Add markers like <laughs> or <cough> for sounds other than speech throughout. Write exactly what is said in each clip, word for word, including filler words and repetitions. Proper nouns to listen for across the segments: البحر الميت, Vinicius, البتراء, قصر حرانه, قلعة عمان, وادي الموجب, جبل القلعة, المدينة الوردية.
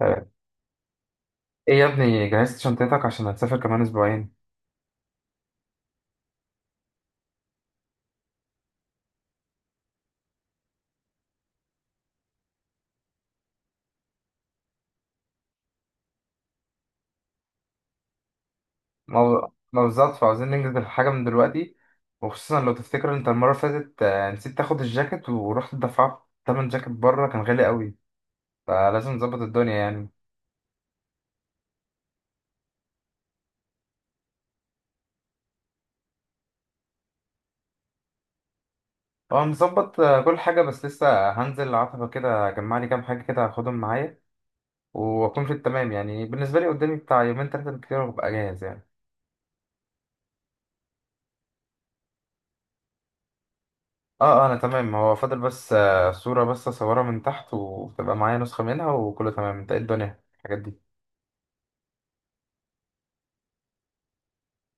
آه، ايه يا ابني، جهزت شنطتك عشان هتسافر كمان اسبوعين؟ ما هو- ما بالظبط، فعاوزين ننجز الحاجة من دلوقتي. وخصوصا لو تفتكر، انت المرة اللي فاتت آه، نسيت تاخد الجاكيت ورحت دفعت تمن جاكيت بره كان غالي قوي، فلازم نظبط الدنيا يعني. هو مظبط آه، كل حاجة، بس لسه هنزل عتبة كده اجمع لي كام حاجة كده هاخدهم معايا واكون في التمام. يعني بالنسبة لي قدامي بتاع يومين تلاتة بالكتير وابقى جاهز يعني. اه اه، انا تمام، هو فاضل بس آه، صورة بس اصورها من تحت وتبقى معايا نسخة منها وكله تمام. انت ايه الدنيا الحاجات دي؟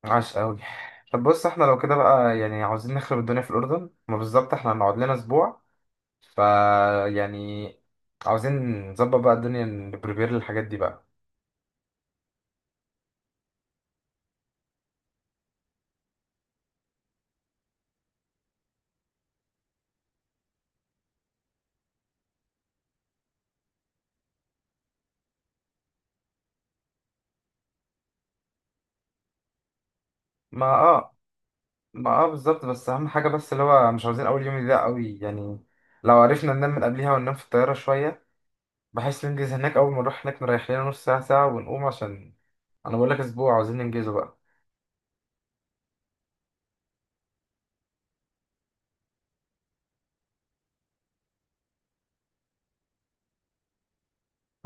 عاش قوي. طب بص، احنا لو كده بقى يعني عاوزين نخرب الدنيا في الأردن، ما بالظبط احنا هنقعد لنا أسبوع. ف يعني عاوزين نظبط بقى الدنيا، نبريبير للحاجات دي بقى. ما اه. ما اه بالظبط، بس أهم حاجة بس اللي هو مش عاوزين أول يوم يضيع قوي يعني. لو عرفنا ننام من قبلها وننام في الطيارة شوية، بحيث ننجز هناك. أول ما نروح هناك نريح لنا نص ساعة ساعة ونقوم، عشان أنا بقول لك أسبوع عاوزين ننجزه بقى.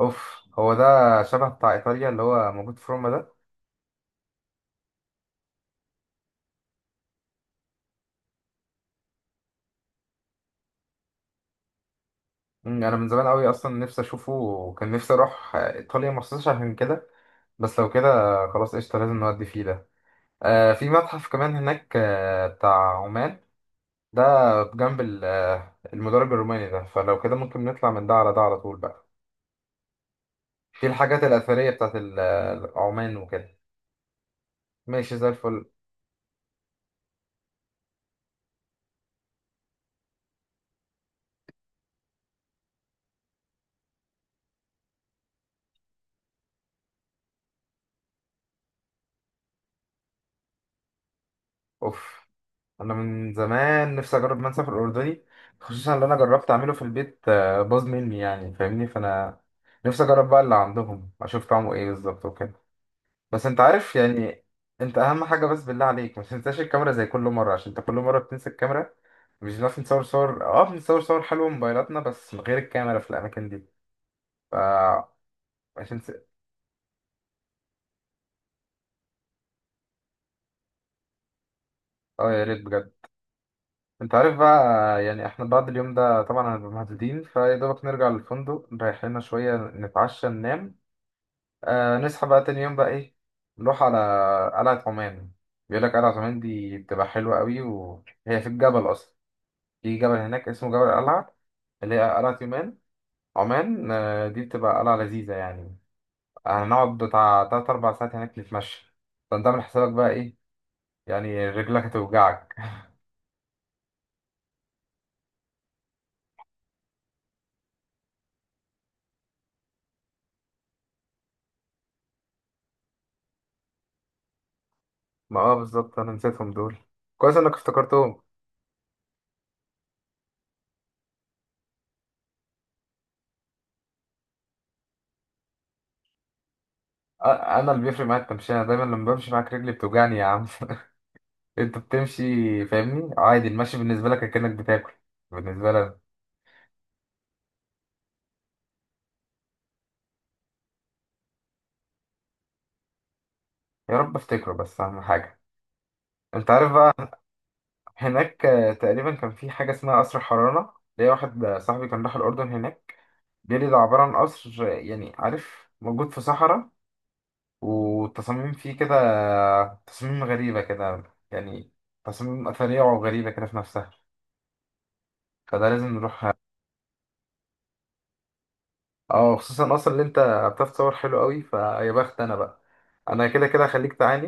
أوف، هو ده شبه بتاع إيطاليا اللي هو موجود في روما ده. مم، انا من زمان قوي اصلا نفسي اشوفه، وكان نفسي اروح آه، ايطاليا مخصوص عشان كده. بس لو كده آه، خلاص قشطه، لازم نودي فيه ده. آه، في متحف كمان هناك آه بتاع عمان ده، جنب ال- آه، المدرج الروماني ده، فلو كده ممكن نطلع من ده على ده على طول بقى. في الحاجات الاثريه بتاعت ال- آه، عمان وكده. ماشي زي الفل. اوف، انا من زمان نفسي اجرب منسف الاردني، خصوصا اللي انا جربت اعمله في البيت آه، باظ مني يعني، فاهمني؟ فانا نفسي اجرب بقى اللي عندهم، اشوف طعمه ايه بالظبط وكده. بس انت عارف يعني. انت اهم حاجه بس بالله عليك ما تنساش الكاميرا زي كل مره، عشان انت كل مره بتنسى الكاميرا. مش بنعرف نصور صور، اه بنصور صور حلوه موبايلاتنا بس من غير الكاميرا في الاماكن دي. ف عشان س... اه يا ريت بجد. انت عارف بقى، يعني احنا بعد اليوم ده طبعا هنبقى مهدودين، فيا دوبك نرجع للفندق نريح لنا شويه نتعشى ننام. آه نصحى بقى تاني يوم بقى ايه، نروح على قلعة عمان. بيقول لك قلعة عمان دي بتبقى حلوة قوي، وهي في الجبل أصلا. في جبل هناك اسمه جبل القلعة، اللي هي قلعة يومان. عمان آه دي بتبقى قلعة لذيذة يعني. هنقعد بتاع تلات أربع ساعات هناك نتمشى. فأنت عامل حسابك بقى ايه؟ يعني رجلك هتوجعك. <laughs> ما اه بالظبط، أنا نسيتهم دول، كويس إنك افتكرتهم. آه، أنا اللي بيفرق معايا التمشية، أنا دايما لما بمشي معاك رجلي بتوجعني يا عم. <laughs> انت بتمشي، فاهمني؟ عادي المشي بالنسبه لك كأنك بتاكل. بالنسبه لنا. يا رب افتكره، بس اهم حاجه. انت عارف بقى، هناك آه، تقريبا كان في حاجه اسمها قصر حرانه. ليا واحد آه، صاحبي كان راح الاردن هناك، بيقول لي ده عباره عن قصر آه، يعني عارف، موجود في صحراء، والتصاميم فيه كده آه، تصاميم غريبه كده، يعني تصاميم اثريه وغريبه كده في نفسها، فده لازم نروح. اه خصوصا اصلا اللي انت بتعرف تصور حلو قوي، فيا بخت انا بقى. انا كده كده هخليك تعاني،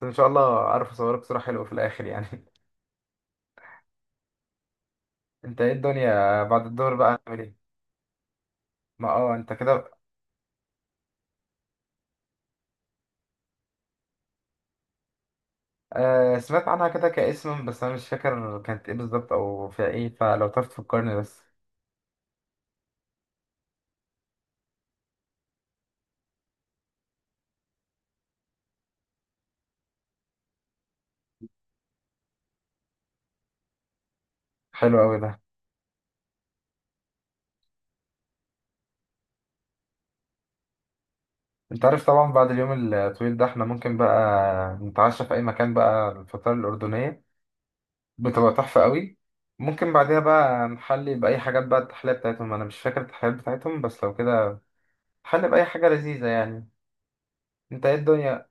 بس ان شاء الله اعرف اصورك صورة حلوة في الاخر يعني. <laughs> انت ايه الدنيا بعد الدور بقى، هنعمل ايه؟ ما اه انت كده. آه سمعت عنها كده كاسم، بس انا مش فاكر كانت ايه بالظبط او فيها ايه، فلو تعرف تفكرني بس. حلو قوي ده. انت عارف طبعا بعد اليوم الطويل ده احنا ممكن بقى نتعشى في اي مكان بقى، الفطار الاردنية بتبقى تحفة قوي. ممكن بعدها بقى نحلي باي حاجات بقى، التحلية بتاعتهم انا مش فاكر التحليات بتاعتهم، بس لو كده نحلي باي حاجة لذيذة يعني. انت ايه الدنيا؟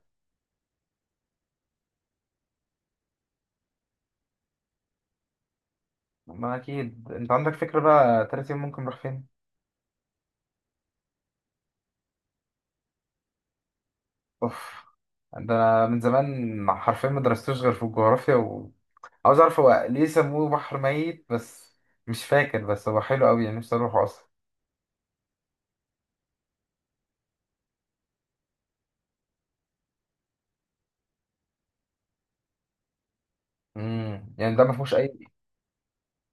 ما اكيد انت عندك فكرة بقى، تالت يوم ممكن نروح فين؟ اوف، ده انا من زمان حرفيا ما درستوش غير في الجغرافيا، وعاوز اعرف هو ليه سموه بحر ميت بس. مش فاكر، بس هو حلو قوي يعني نفسي اروحه اصلا. امم يعني ده ما فيهوش اي؟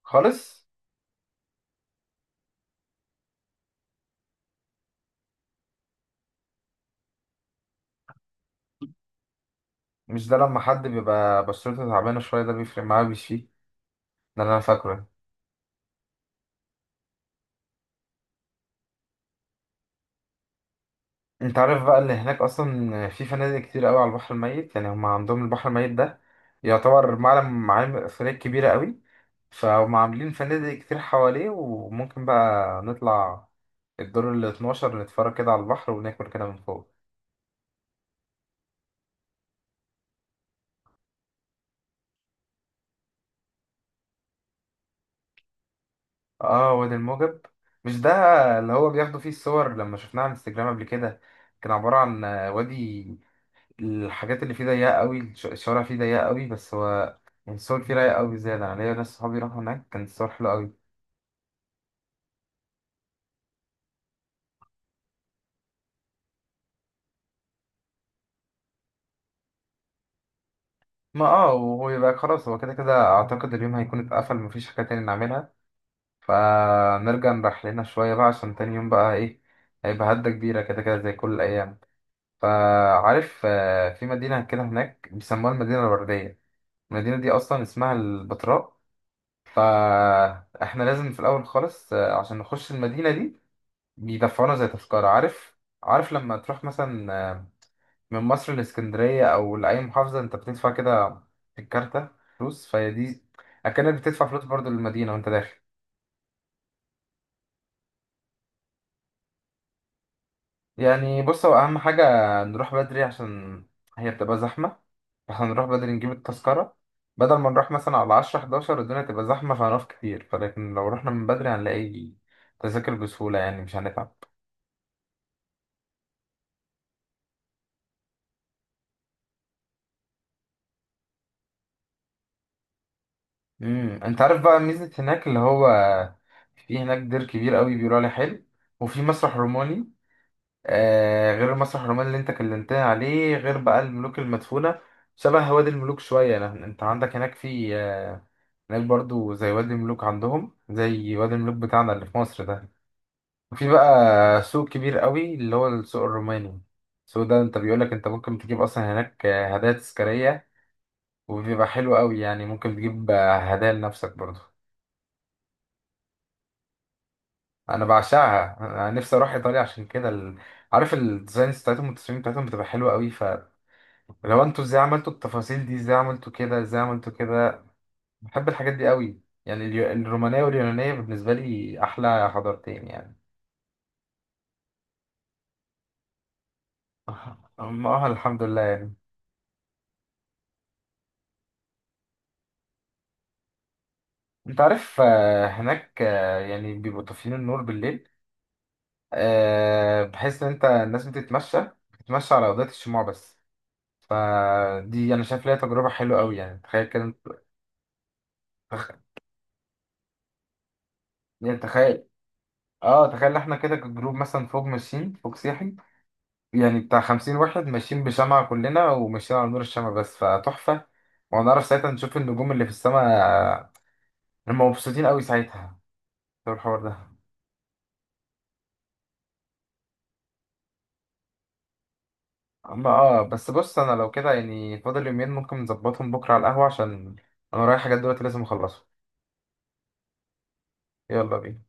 خالص؟ مش ده لما حد بيبقى بشرته تعبانة شوية ده بيفرق معاه بيشفيه؟ ده اللي انا فاكره. انت عارف بقى ان هناك اصلا في فنادق كتير قوي على البحر الميت، يعني هم عندهم البحر الميت ده يعتبر معلم، معالم اثريه كبيره قوي، فهم عاملين فنادق كتير حواليه، وممكن بقى نطلع الدور ال اتناشر نتفرج كده على البحر وناكل كده من فوق. اه وادي الموجب، مش ده اللي هو بياخدوا فيه الصور لما شفناه على الانستجرام قبل كده؟ كان عبارة عن وادي، الحاجات اللي فيه ضيقة قوي، الش- الشوارع فيه ضيقة قوي، بس هو يعني الصور فيه رايقة قوي زيادة. أنا ليا ناس صحابي راحوا هناك كانت الصور حلوة قوي. ما اه، وهو يبقى خلاص، هو كده كده اعتقد اليوم هيكون اتقفل مفيش حاجة تاني نعملها، فنرجع نريح لنا شوية بقى، عشان تاني يوم بقى ايه، هيبقى هدة كبيرة كده كده زي كل الأيام. فعارف آه، في مدينة كده هناك بيسموها المدينة الوردية، المدينة دي أصلا اسمها البتراء. فاحنا لازم في الأول خالص آه، عشان نخش المدينة دي، بيدفعونا زي تذكرة. عارف؟ عارف لما تروح مثلا آه، من مصر لاسكندرية أو لأي محافظة أنت بتدفع كده في الكارتة فلوس؟ فهي دي، أكنك بتدفع فلوس برضو للمدينة وأنت داخل. يعني بص، هو أهم حاجة نروح بدري، عشان هي بتبقى زحمة، فاحنا نروح بدري نجيب التذكرة، بدل ما نروح مثلا على عشرة حداشر الدنيا تبقى زحمة فهنقف كتير، فلكن لو رحنا من بدري هنلاقي تذاكر بسهولة يعني مش هنتعب. امم انت عارف بقى ميزة هناك اللي هو، في هناك دير كبير قوي بيقولوا عليه حلو، وفي مسرح روماني، آه غير المسرح الروماني اللي انت كلمتني عليه، غير بقى الملوك المدفونة شبه وادي الملوك شوية. لأن انت عندك هناك في آه، هناك برضو زي وادي الملوك، عندهم زي وادي الملوك بتاعنا اللي في مصر ده. وفي بقى سوق كبير قوي اللي هو السوق الروماني. السوق ده انت بيقولك انت ممكن تجيب اصلا هناك آه، هدايا تذكارية، وبيبقى حلو قوي يعني، ممكن تجيب آه، هدايا لنفسك برضو. انا بعشقها، انا نفسي اروح ايطاليا عشان كده ال... عارف الديزاينز بتاعتهم والتصميم بتاعتهم بتبقى حلوة قوي. لو انتوا ازاي عملتوا التفاصيل دي، ازاي عملتوا كده، ازاي عملتوا كده. بحب الحاجات دي قوي. يعني اليو- الرومانية واليونانية بالنسبة لي أحلى حضارتين يعني. أما اه الحمد لله يعني. انت عارف آه، هناك آه، يعني بيبقوا طافيين النور بالليل آه، بحيث ان انت الناس بتتمشى، بتتمشى على أضاءة الشموع بس. فدي انا شايف ليها تجربة حلوة قوي يعني، تخيل كده. تخ... يعني تخيل، اه تخيل احنا كده كجروب مثلا فوق ماشيين، فوق سياحي يعني بتاع خمسين واحد ماشيين بشمعة كلنا وماشيين على نور الشمع بس، فتحفة. وهنعرف ساعتها نشوف النجوم اللي في السماء، هم مبسوطين قوي ساعتها بسبب الحوار ده. أما اه، بس بص أنا لو كده يعني فاضل يومين، ممكن نظبطهم بكرة على القهوة، عشان أنا رايح حاجات دلوقتي لازم أخلصها. يلا بينا.